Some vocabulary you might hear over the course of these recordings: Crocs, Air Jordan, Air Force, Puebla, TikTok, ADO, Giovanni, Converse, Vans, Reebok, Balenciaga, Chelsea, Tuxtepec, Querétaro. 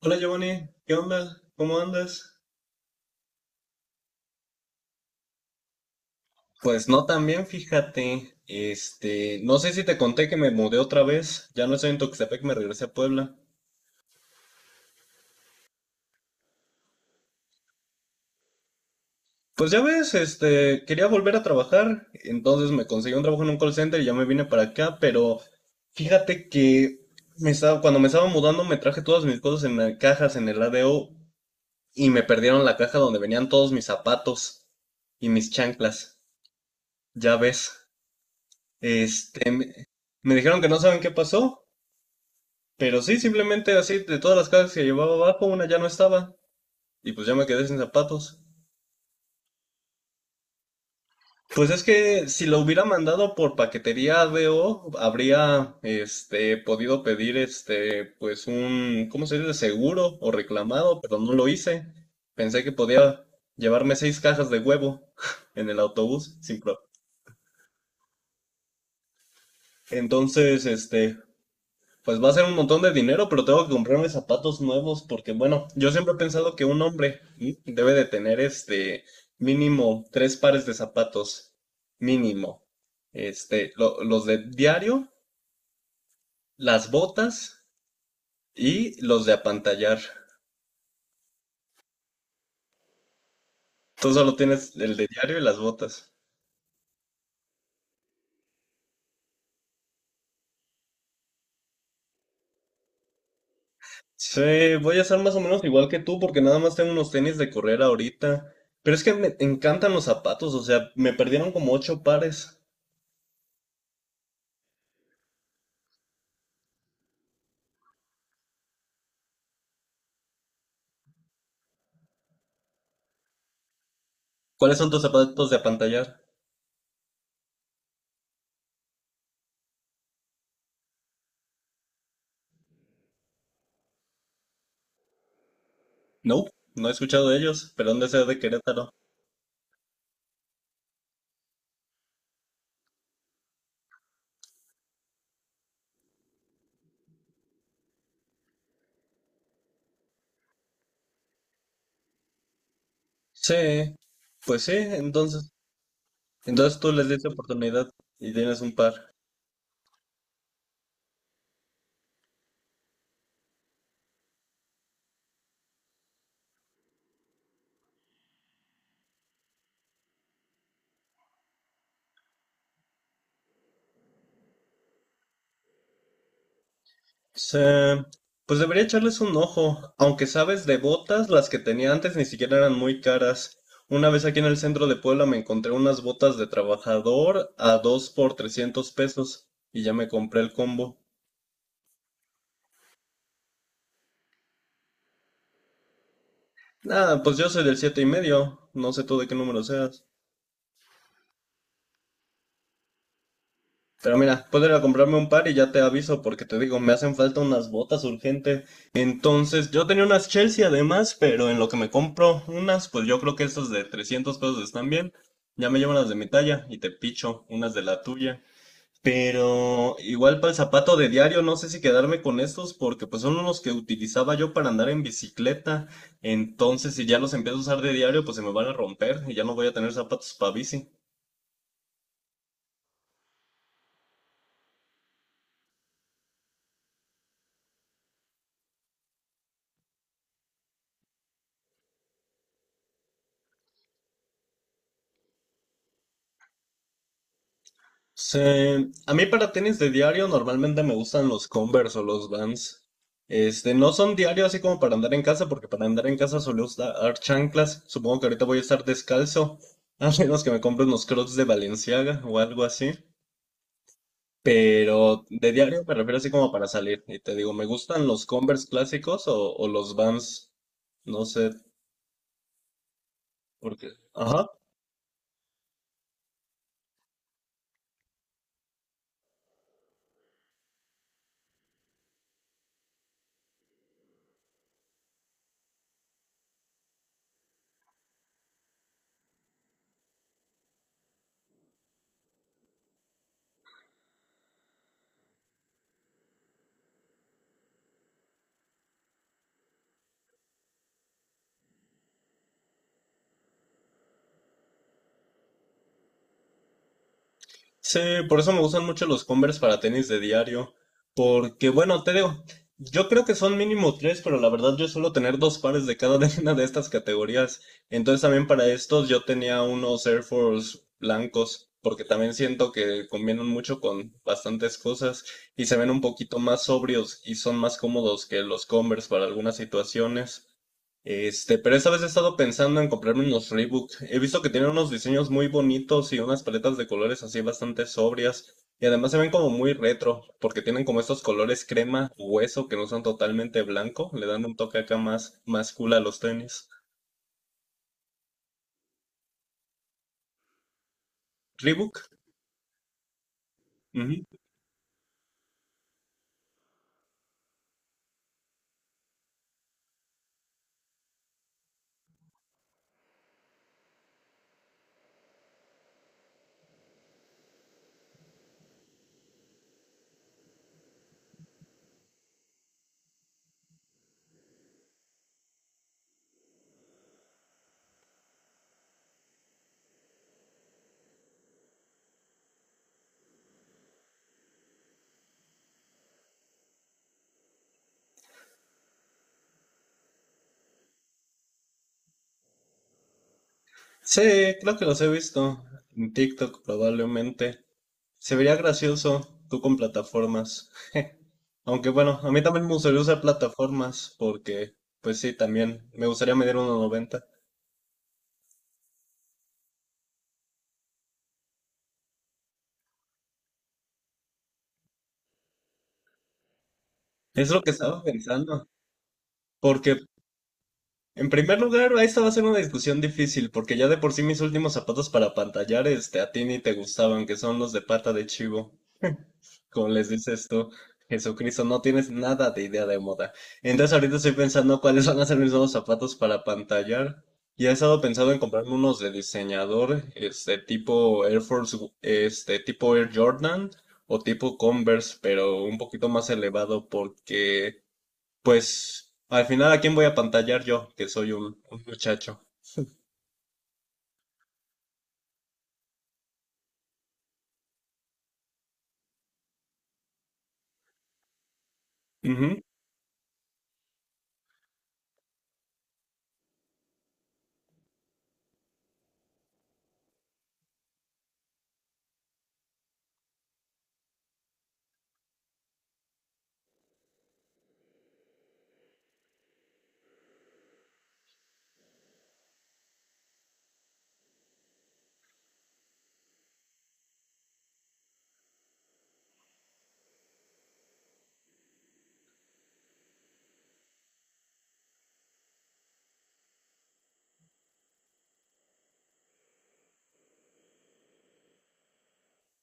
Hola Giovanni, ¿qué onda? ¿Cómo andas? Pues no tan bien, fíjate. No sé si te conté que me mudé otra vez. Ya no estoy en Tuxtepec, me regresé a Puebla. Pues ya ves, quería volver a trabajar, entonces me conseguí un trabajo en un call center y ya me vine para acá, pero fíjate que cuando me estaba mudando me traje todas mis cosas en cajas en el ADO y me perdieron la caja donde venían todos mis zapatos y mis chanclas. Ya ves, este, me dijeron que no saben qué pasó. Pero sí, simplemente así, de todas las cajas que llevaba abajo, una ya no estaba. Y pues ya me quedé sin zapatos. Pues es que si lo hubiera mandado por paquetería ADO, habría podido pedir pues un ¿cómo se dice? Seguro o reclamado, pero no lo hice. Pensé que podía llevarme seis cajas de huevo en el autobús sin pro- Entonces, pues va a ser un montón de dinero, pero tengo que comprarme zapatos nuevos porque, bueno, yo siempre he pensado que un hombre ¿sí? debe de tener mínimo tres pares de zapatos, mínimo. Los de diario, las botas y los de apantallar. Tú solo tienes el de diario y las botas. Sí, voy a ser más o menos igual que tú porque nada más tengo unos tenis de correr ahorita. Pero es que me encantan los zapatos, o sea, me perdieron como ocho pares. ¿Cuáles son tus zapatos de apantallar? No, no he escuchado de ellos, pero han de ser de Querétaro. Sí, pues sí, entonces. Entonces tú les diste oportunidad y tienes un par. Sí, pues debería echarles un ojo. Aunque sabes, de botas, las que tenía antes ni siquiera eran muy caras. Una vez aquí en el centro de Puebla me encontré unas botas de trabajador a dos por 300 pesos y ya me compré el combo. Nada, pues yo soy del siete y medio, no sé tú de qué número seas. Pero mira, puedo ir a comprarme un par y ya te aviso porque te digo, me hacen falta unas botas urgente. Entonces, yo tenía unas Chelsea además, pero en lo que me compro unas, pues yo creo que estas de 300 pesos están bien. Ya me llevo las de mi talla y te picho unas de la tuya. Pero igual para el zapato de diario, no sé si quedarme con estos porque pues son unos que utilizaba yo para andar en bicicleta. Entonces, si ya los empiezo a usar de diario, pues se me van a romper y ya no voy a tener zapatos para bici. A mí para tenis de diario normalmente me gustan los Converse o los Vans. No son diarios así como para andar en casa, porque para andar en casa suelo usar chanclas. Supongo que ahorita voy a estar descalzo, a menos que me compre unos Crocs de Balenciaga o algo así. Pero de diario me refiero así como para salir. Y te digo, me gustan los Converse clásicos o los Vans. No sé por qué. Ajá. Sí, por eso me gustan mucho los Converse para tenis de diario. Porque, bueno, te digo, yo creo que son mínimo tres, pero la verdad yo suelo tener dos pares de cada de una de estas categorías. Entonces también para estos yo tenía unos Air Force blancos, porque también siento que combinan mucho con bastantes cosas y se ven un poquito más sobrios y son más cómodos que los Converse para algunas situaciones. Pero esta vez he estado pensando en comprarme unos Reebok. He visto que tienen unos diseños muy bonitos y unas paletas de colores así bastante sobrias. Y además se ven como muy retro, porque tienen como estos colores crema, hueso, que no son totalmente blanco. Le dan un toque acá más cool a los tenis. Reebok. Ujú. Sí, creo que los he visto. En TikTok probablemente. Se vería gracioso tú con plataformas. Aunque bueno, a mí también me gustaría usar plataformas, porque pues sí, también me gustaría medir uno noventa. Es lo que estaba pensando, porque en primer lugar, esta va a ser una discusión difícil, porque ya de por sí mis últimos zapatos para pantallar, a ti ni te gustaban, que son los de pata de chivo, como les dices tú, Jesucristo, no tienes nada de idea de moda. Entonces ahorita estoy pensando cuáles van a ser mis nuevos zapatos para pantallar, y he estado pensando en comprarme unos de diseñador, tipo Air Force, tipo Air Jordan, o tipo Converse, pero un poquito más elevado, porque... Pues al final, ¿a quién voy a pantallar yo? Que soy un muchacho. Ujú,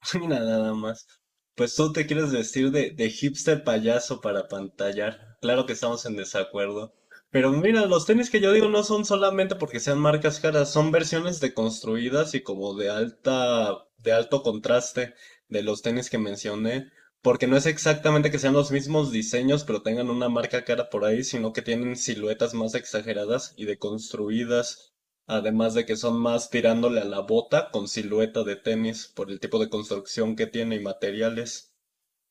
mira, nada más. Pues tú te quieres vestir de hipster payaso para pantallar. Claro que estamos en desacuerdo. Pero mira, los tenis que yo digo no son solamente porque sean marcas caras, son versiones deconstruidas y como de alto contraste de los tenis que mencioné. Porque no es exactamente que sean los mismos diseños, pero tengan una marca cara por ahí, sino que tienen siluetas más exageradas y deconstruidas. Además de que son más tirándole a la bota con silueta de tenis por el tipo de construcción que tiene y materiales.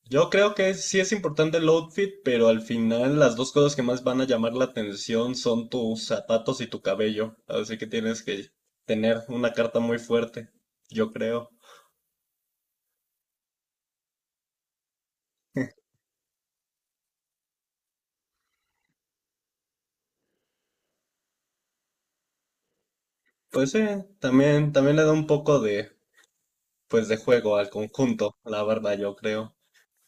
Yo creo que sí es importante el outfit, pero al final las dos cosas que más van a llamar la atención son tus zapatos y tu cabello. Así que tienes que tener una carta muy fuerte, yo creo. Pues sí, también, también le da un poco de, pues de juego al conjunto, la verdad, yo creo.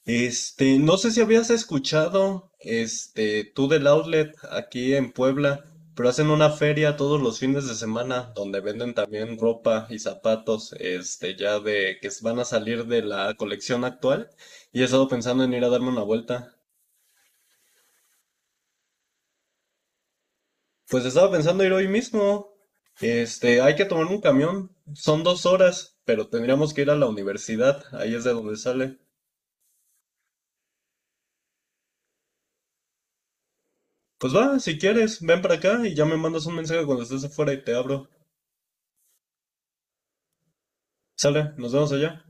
No sé si habías escuchado, tú del outlet aquí en Puebla, pero hacen una feria todos los fines de semana donde venden también ropa y zapatos, ya de que van a salir de la colección actual y he estado pensando en ir a darme una vuelta. Pues estaba pensando ir hoy mismo. Hay que tomar un camión, son dos horas, pero tendríamos que ir a la universidad, ahí es de donde sale. Pues va, si quieres, ven para acá y ya me mandas un mensaje cuando estés afuera y te abro. Sale, nos vemos allá.